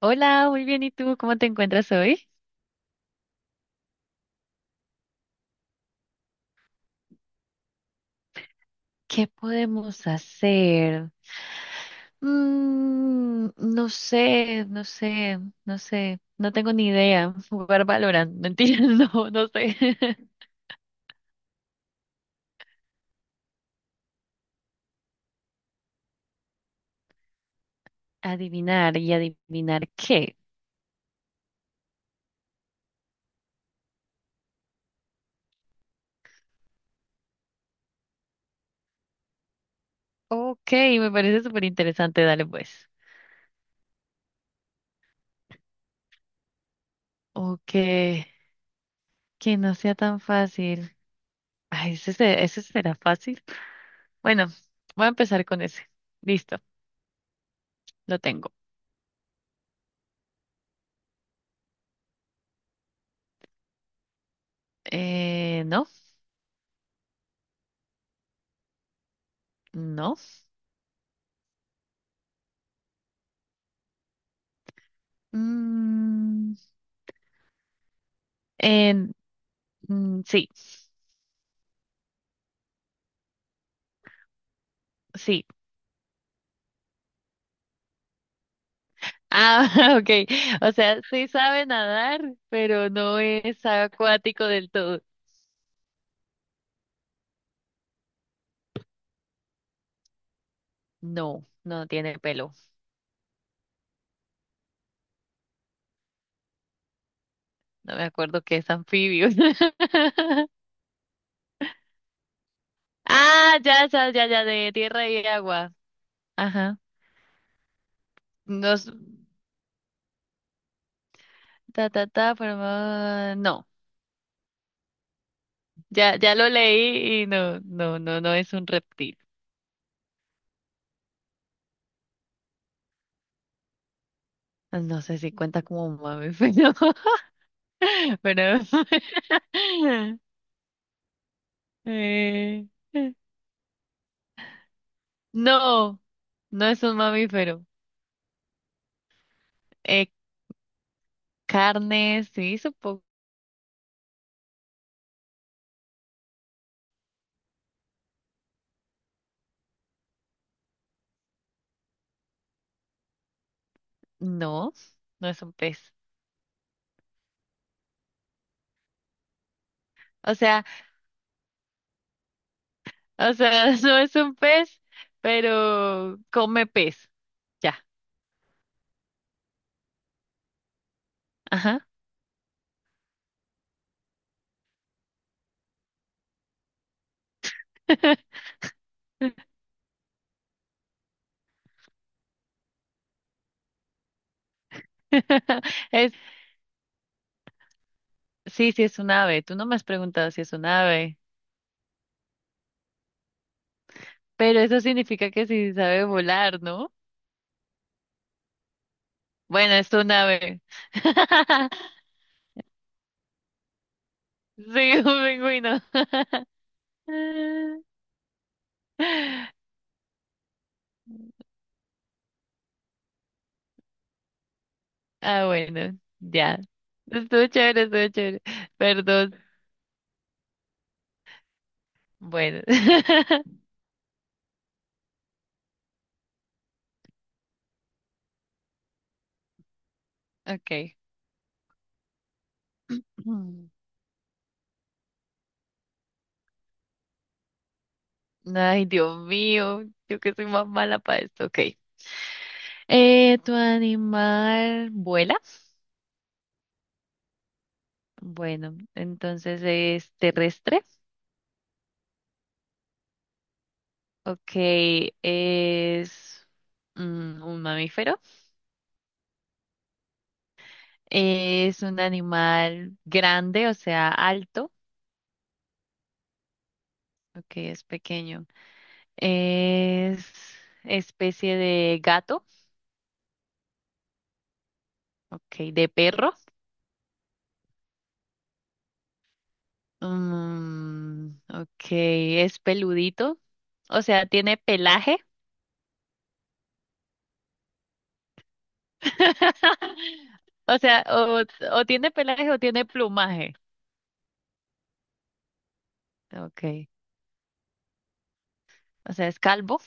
Hola, muy bien. ¿Y tú cómo te encuentras hoy? ¿Qué podemos hacer? No sé, no sé, no sé. No tengo ni idea. Jugar Valorant, mentira, no, no sé. Adivinar y adivinar qué. Ok, me parece súper interesante. Dale pues. Ok, que no sea tan fácil. Ay, ese, ese será fácil. Bueno, voy a empezar con ese. Listo, lo tengo. No, no. Mm. En- sí, sí. Ah, ok. O sea, sí sabe nadar, pero no es acuático del todo. No, no tiene pelo. No me acuerdo que es anfibio. Ah, ya, ya, ya, ya, de tierra y agua. Ajá. Nos, ta, ta, ta, forma- No, no. Ya lo leí y no, no, no, no es un reptil. No sé si cuenta como un mamífero, pero... Eh, No, no es un mamífero. Eh, carne, sí, supongo. No, no es un pez. O sea, no es un pez, pero come pez. Ya, ajá. Es, sí, sí es un ave. Tú no me has preguntado si es un ave, pero eso significa que sí sabe volar, ¿no? Bueno, es un ave. Sí, un pingüino. Ah, bueno, ya. Estuvo chévere, estuvo chévere. Perdón. Bueno. Ok. Mm. Ay, Dios mío, yo que soy más mala para esto. Ok. ¿Tu animal vuela? Bueno, entonces es terrestre. Ok, es un mamífero. Es un animal grande, o sea, alto. Ok, es pequeño. Es especie de gato. Ok, de perro. Ok, es peludito. O sea, tiene pelaje. O sea, o tiene pelaje o tiene plumaje. Ok, o sea, es calvo.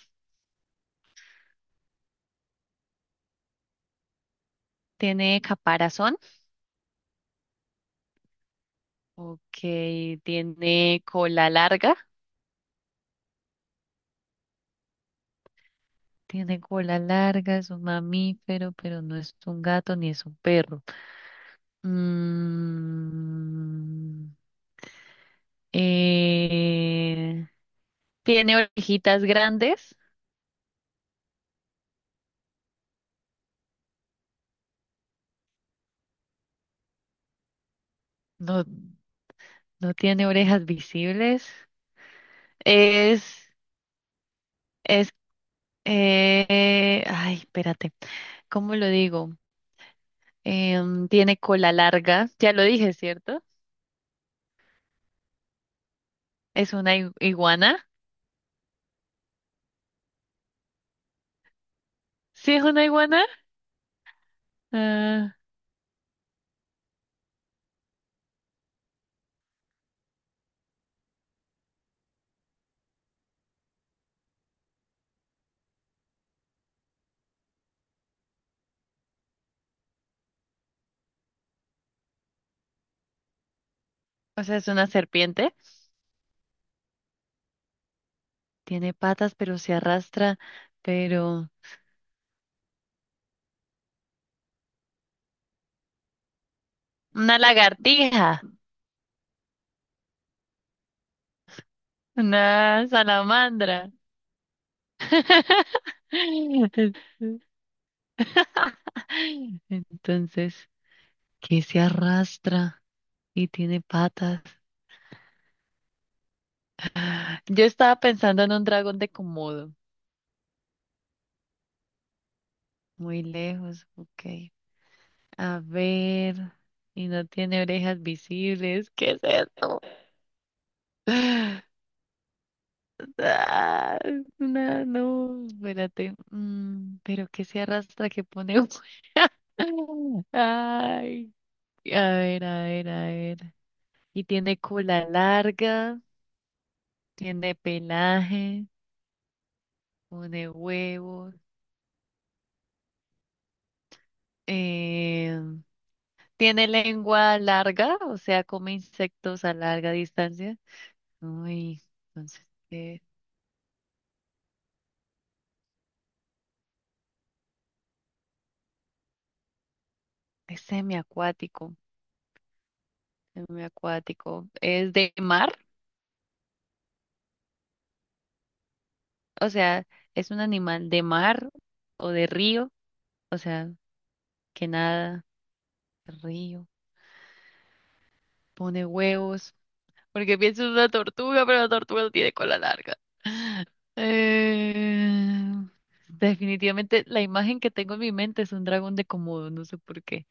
Tiene caparazón. Ok, tiene cola larga. Tiene cola larga, es un mamífero, pero no es un gato ni es un perro. Mm, eh, tiene orejitas grandes. No. No tiene orejas visibles. Es, es, ay, espérate, ¿cómo lo digo? Tiene cola larga, ya lo dije, ¿cierto? Es una iguana. ¿Sí es una iguana? Ah, o sea, es una serpiente. Tiene patas, pero se arrastra, pero... Una lagartija, una salamandra. Entonces, ¿qué se arrastra y tiene patas? Yo estaba pensando en un dragón de Komodo. Muy lejos, ok. A ver. Y no tiene orejas visibles. ¿Qué es esto? Ah, no, no, espérate. Mm, pero que se arrastra, que pone. Ay, a ver, a ver, a ver. Y tiene cola larga, tiene pelaje, pone huevos. Eh, tiene lengua larga, o sea, come insectos a larga distancia. Uy, entonces eh, es semiacuático, semiacuático. ¿Es de mar? O sea, ¿es un animal de mar o de río? O sea, que nada, río, pone huevos, porque pienso en una tortuga, pero la tortuga no tiene cola larga. Eh, definitivamente la imagen que tengo en mi mente es un dragón de Komodo, no sé por qué.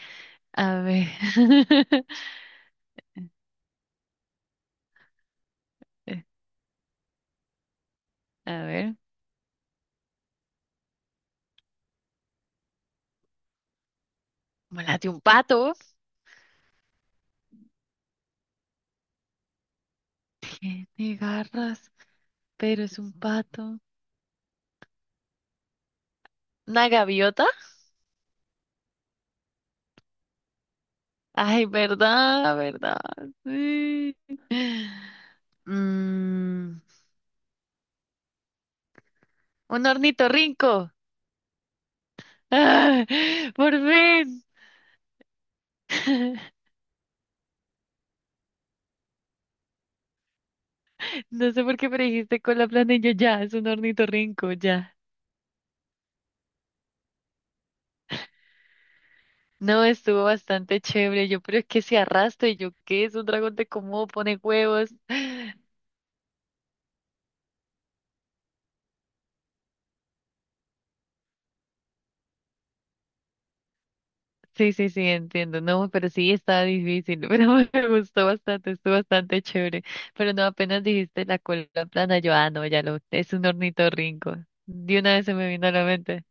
A ver, a ver, como las de un pato. Tiene garras. Pero es un pato. ¿Una gaviota? Ay, verdad, verdad. Sí. Mm, un ornitorrinco. ¡Ah! Por fin. No sé por qué me dijiste con la planilla ya, es un ornitorrinco, ya. No, estuvo bastante chévere. Yo, pero es que se arrastra y yo, ¿qué es un dragón de cómo pone huevos? Sí, sí, sí, entiendo. No, pero sí está difícil, pero me gustó bastante, estuvo bastante chévere. Pero no, apenas dijiste la cola plana, yo, ah, no, ya lo, es un ornitorrinco. De una vez se me vino a la mente.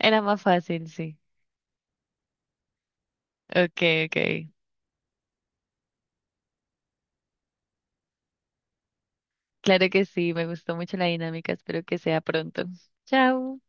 Era más fácil, sí. Okay, okay, claro que sí, me gustó mucho la dinámica, espero que sea pronto. Chao.